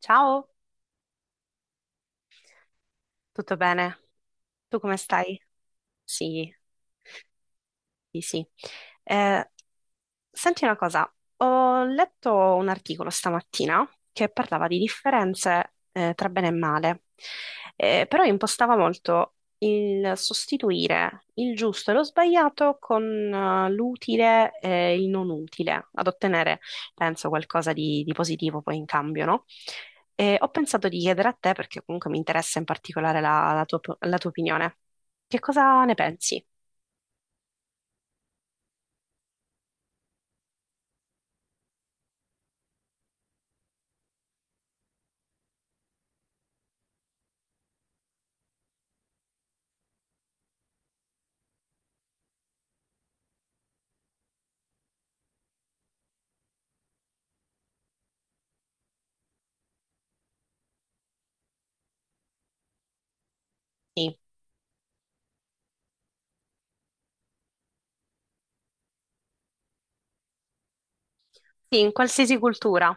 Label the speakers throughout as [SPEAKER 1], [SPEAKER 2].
[SPEAKER 1] Ciao, tutto bene? Tu come stai? Sì, sì, sì. Eh, senti una cosa, ho letto un articolo stamattina che parlava di differenze tra bene e male. Però impostava molto il sostituire il giusto e lo sbagliato con l'utile e il non utile, ad ottenere, penso, qualcosa di positivo poi in cambio, no? E ho pensato di chiedere a te, perché comunque mi interessa in particolare la tua opinione, che cosa ne pensi? Sì. Sì, in qualsiasi cultura.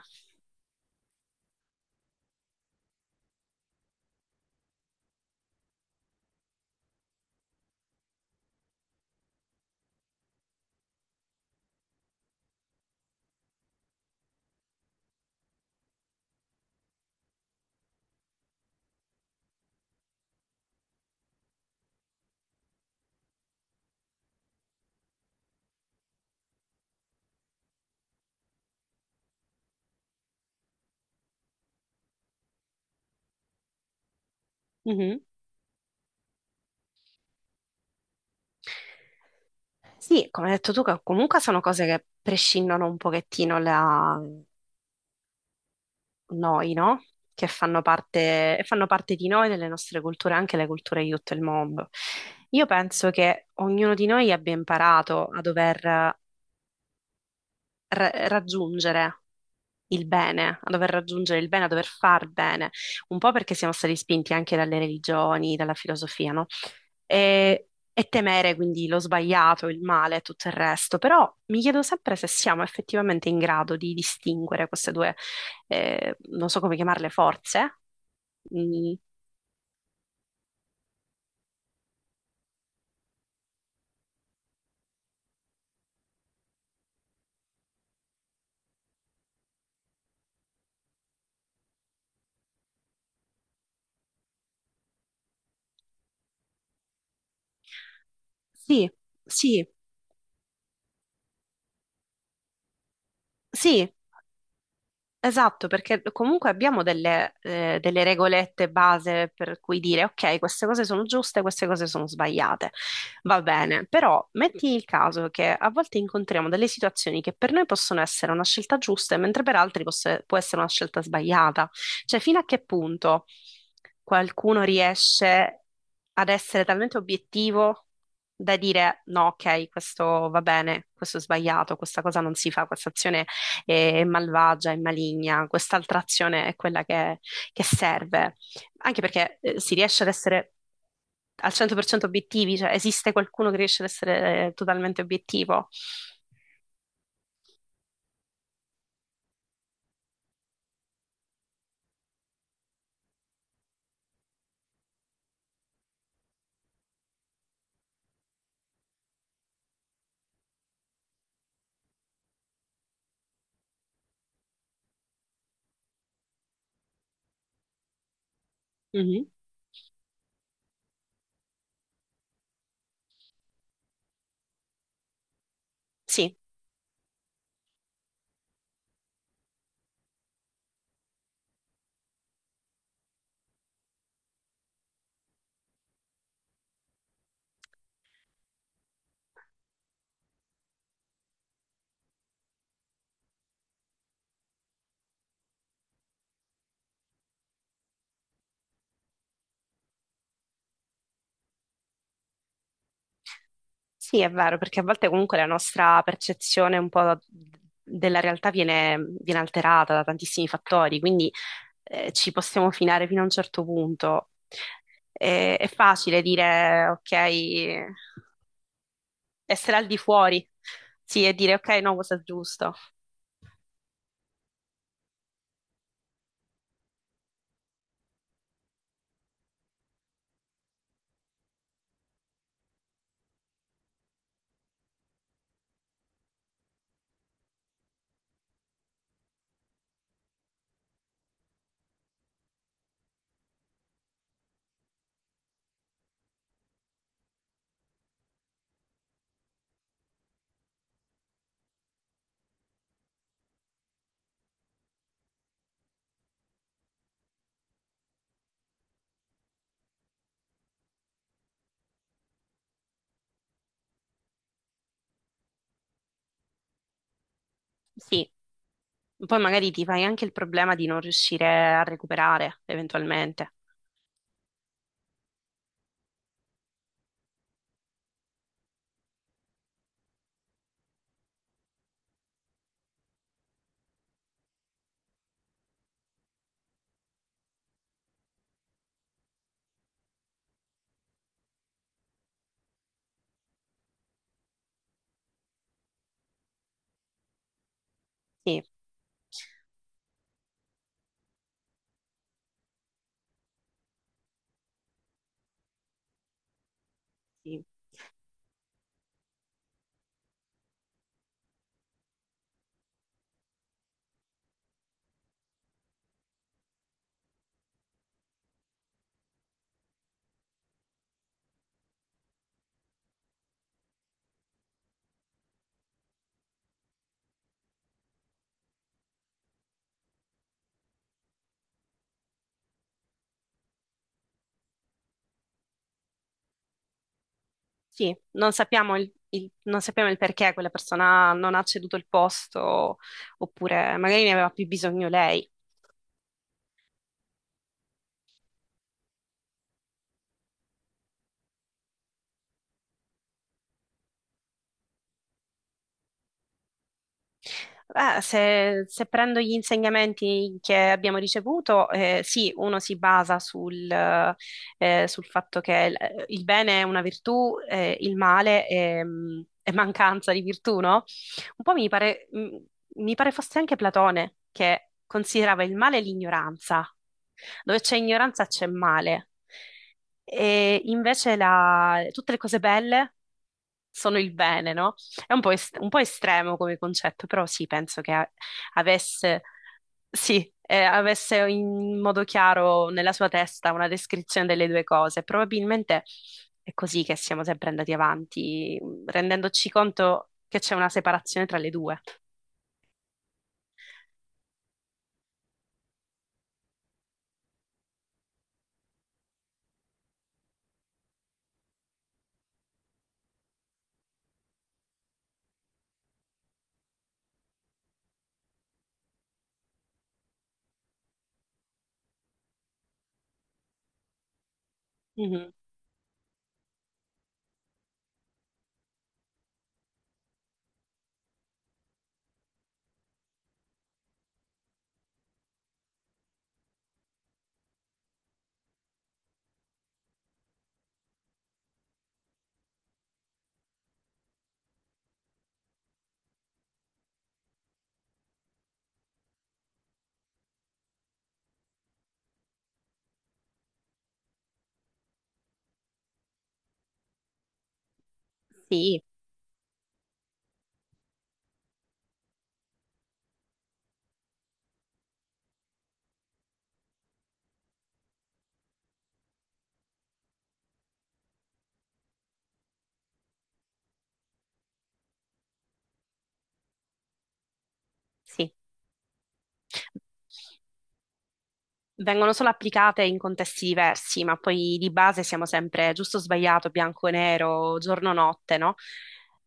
[SPEAKER 1] Mhm. Sì, come hai detto tu, che comunque sono cose che prescindono un pochettino da noi, no? Che fanno parte, e fanno parte di noi, delle nostre culture, anche le culture di tutto il mondo. Io penso che ognuno di noi abbia imparato a dover raggiungere il bene, a dover raggiungere il bene, a dover far bene, un po' perché siamo stati spinti anche dalle religioni, dalla filosofia, no? E temere quindi lo sbagliato, il male e tutto il resto. Però mi chiedo sempre se siamo effettivamente in grado di distinguere queste due, non so come chiamarle, forze. Mm, sì, sì, sì. Esatto, perché comunque abbiamo delle regolette base per cui dire, ok, queste cose sono giuste, queste cose sono sbagliate. Va bene, però metti il caso che a volte incontriamo delle situazioni che per noi possono essere una scelta giusta, mentre per altri può essere una scelta sbagliata. Cioè, fino a che punto qualcuno riesce ad essere talmente obiettivo da dire, no, ok, questo va bene, questo è sbagliato, questa cosa non si fa, questa azione e malvagia e maligna. Quest'altra azione è quella che serve, anche perché si riesce ad essere al 100% obiettivi, cioè esiste qualcuno che riesce ad essere totalmente obiettivo? Mhm. Sì, sì, è vero, perché a volte comunque la nostra percezione un po' della realtà viene alterata da tantissimi fattori, quindi ci possiamo finare fino a un certo punto. È facile dire, ok, essere al di fuori, sì, e dire ok, no, cosa è giusto. Sì, poi magari ti fai anche il problema di non riuscire a recuperare eventualmente. Sì, sì, sì. Non sappiamo non sappiamo il perché quella persona non ha ceduto il posto oppure magari ne aveva più bisogno lei. Beh, se prendo gli insegnamenti che abbiamo ricevuto, sì, uno si basa sul, sul fatto che il bene è una virtù, il male è mancanza di virtù, no? Un po' mi pare, mm, mi pare fosse anche Platone che considerava il male l'ignoranza, dove c'è ignoranza c'è male. E invece tutte le cose belle sono il bene, no? È un po', un po' estremo come concetto, però sì, penso avesse, sì, avesse in modo chiaro nella sua testa una descrizione delle due cose. Probabilmente è così che siamo sempre andati avanti, rendendoci conto che c'è una separazione tra le due. Mhm. Sì, sì. Vengono solo applicate in contesti diversi, ma poi di base siamo sempre giusto o sbagliato, bianco e nero, giorno o notte, no?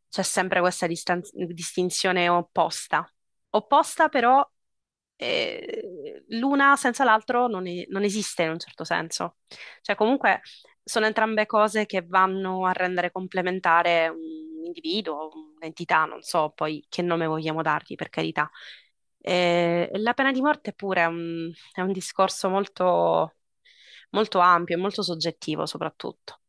[SPEAKER 1] C'è sempre questa distinzione opposta. Opposta però l'una senza l'altro non esiste in un certo senso. Cioè, comunque sono entrambe cose che vanno a rendere complementare un individuo, un'entità, non so poi che nome vogliamo dargli, per carità. La pena di morte pure è un discorso molto, molto ampio e molto soggettivo, soprattutto.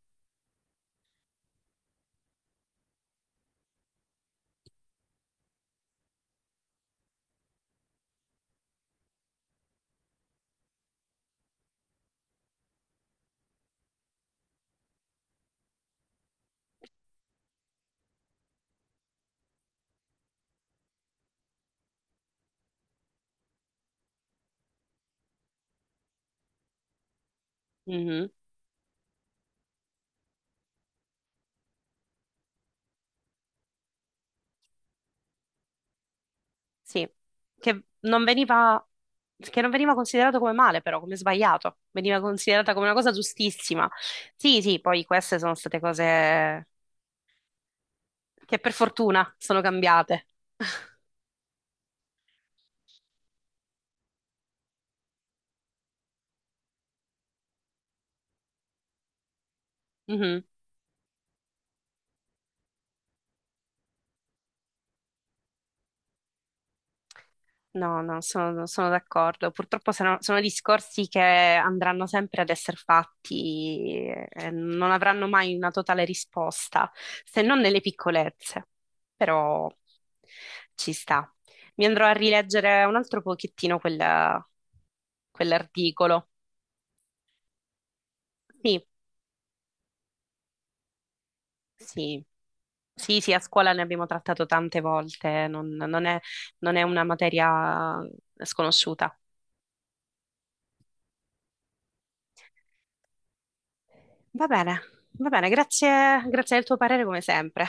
[SPEAKER 1] Sì, che non veniva, che non veniva considerato come male, però, come sbagliato, veniva considerata come una cosa giustissima. Sì, sì, poi queste sono state cose che per fortuna sono cambiate. Mhm. No, no, sono, sono d'accordo. Purtroppo sono, sono discorsi che andranno sempre ad essere fatti e non avranno mai una totale risposta, se non nelle piccolezze. Però ci sta. Mi andrò a rileggere un altro pochettino quell'articolo. Sì, sì, sì, sì, a scuola ne abbiamo trattato tante volte, non è non è una materia sconosciuta. Va bene, va bene, grazie, grazie del tuo parere come sempre.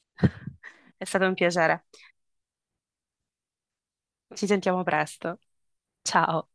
[SPEAKER 1] È stato un piacere. Ci sentiamo presto. Ciao.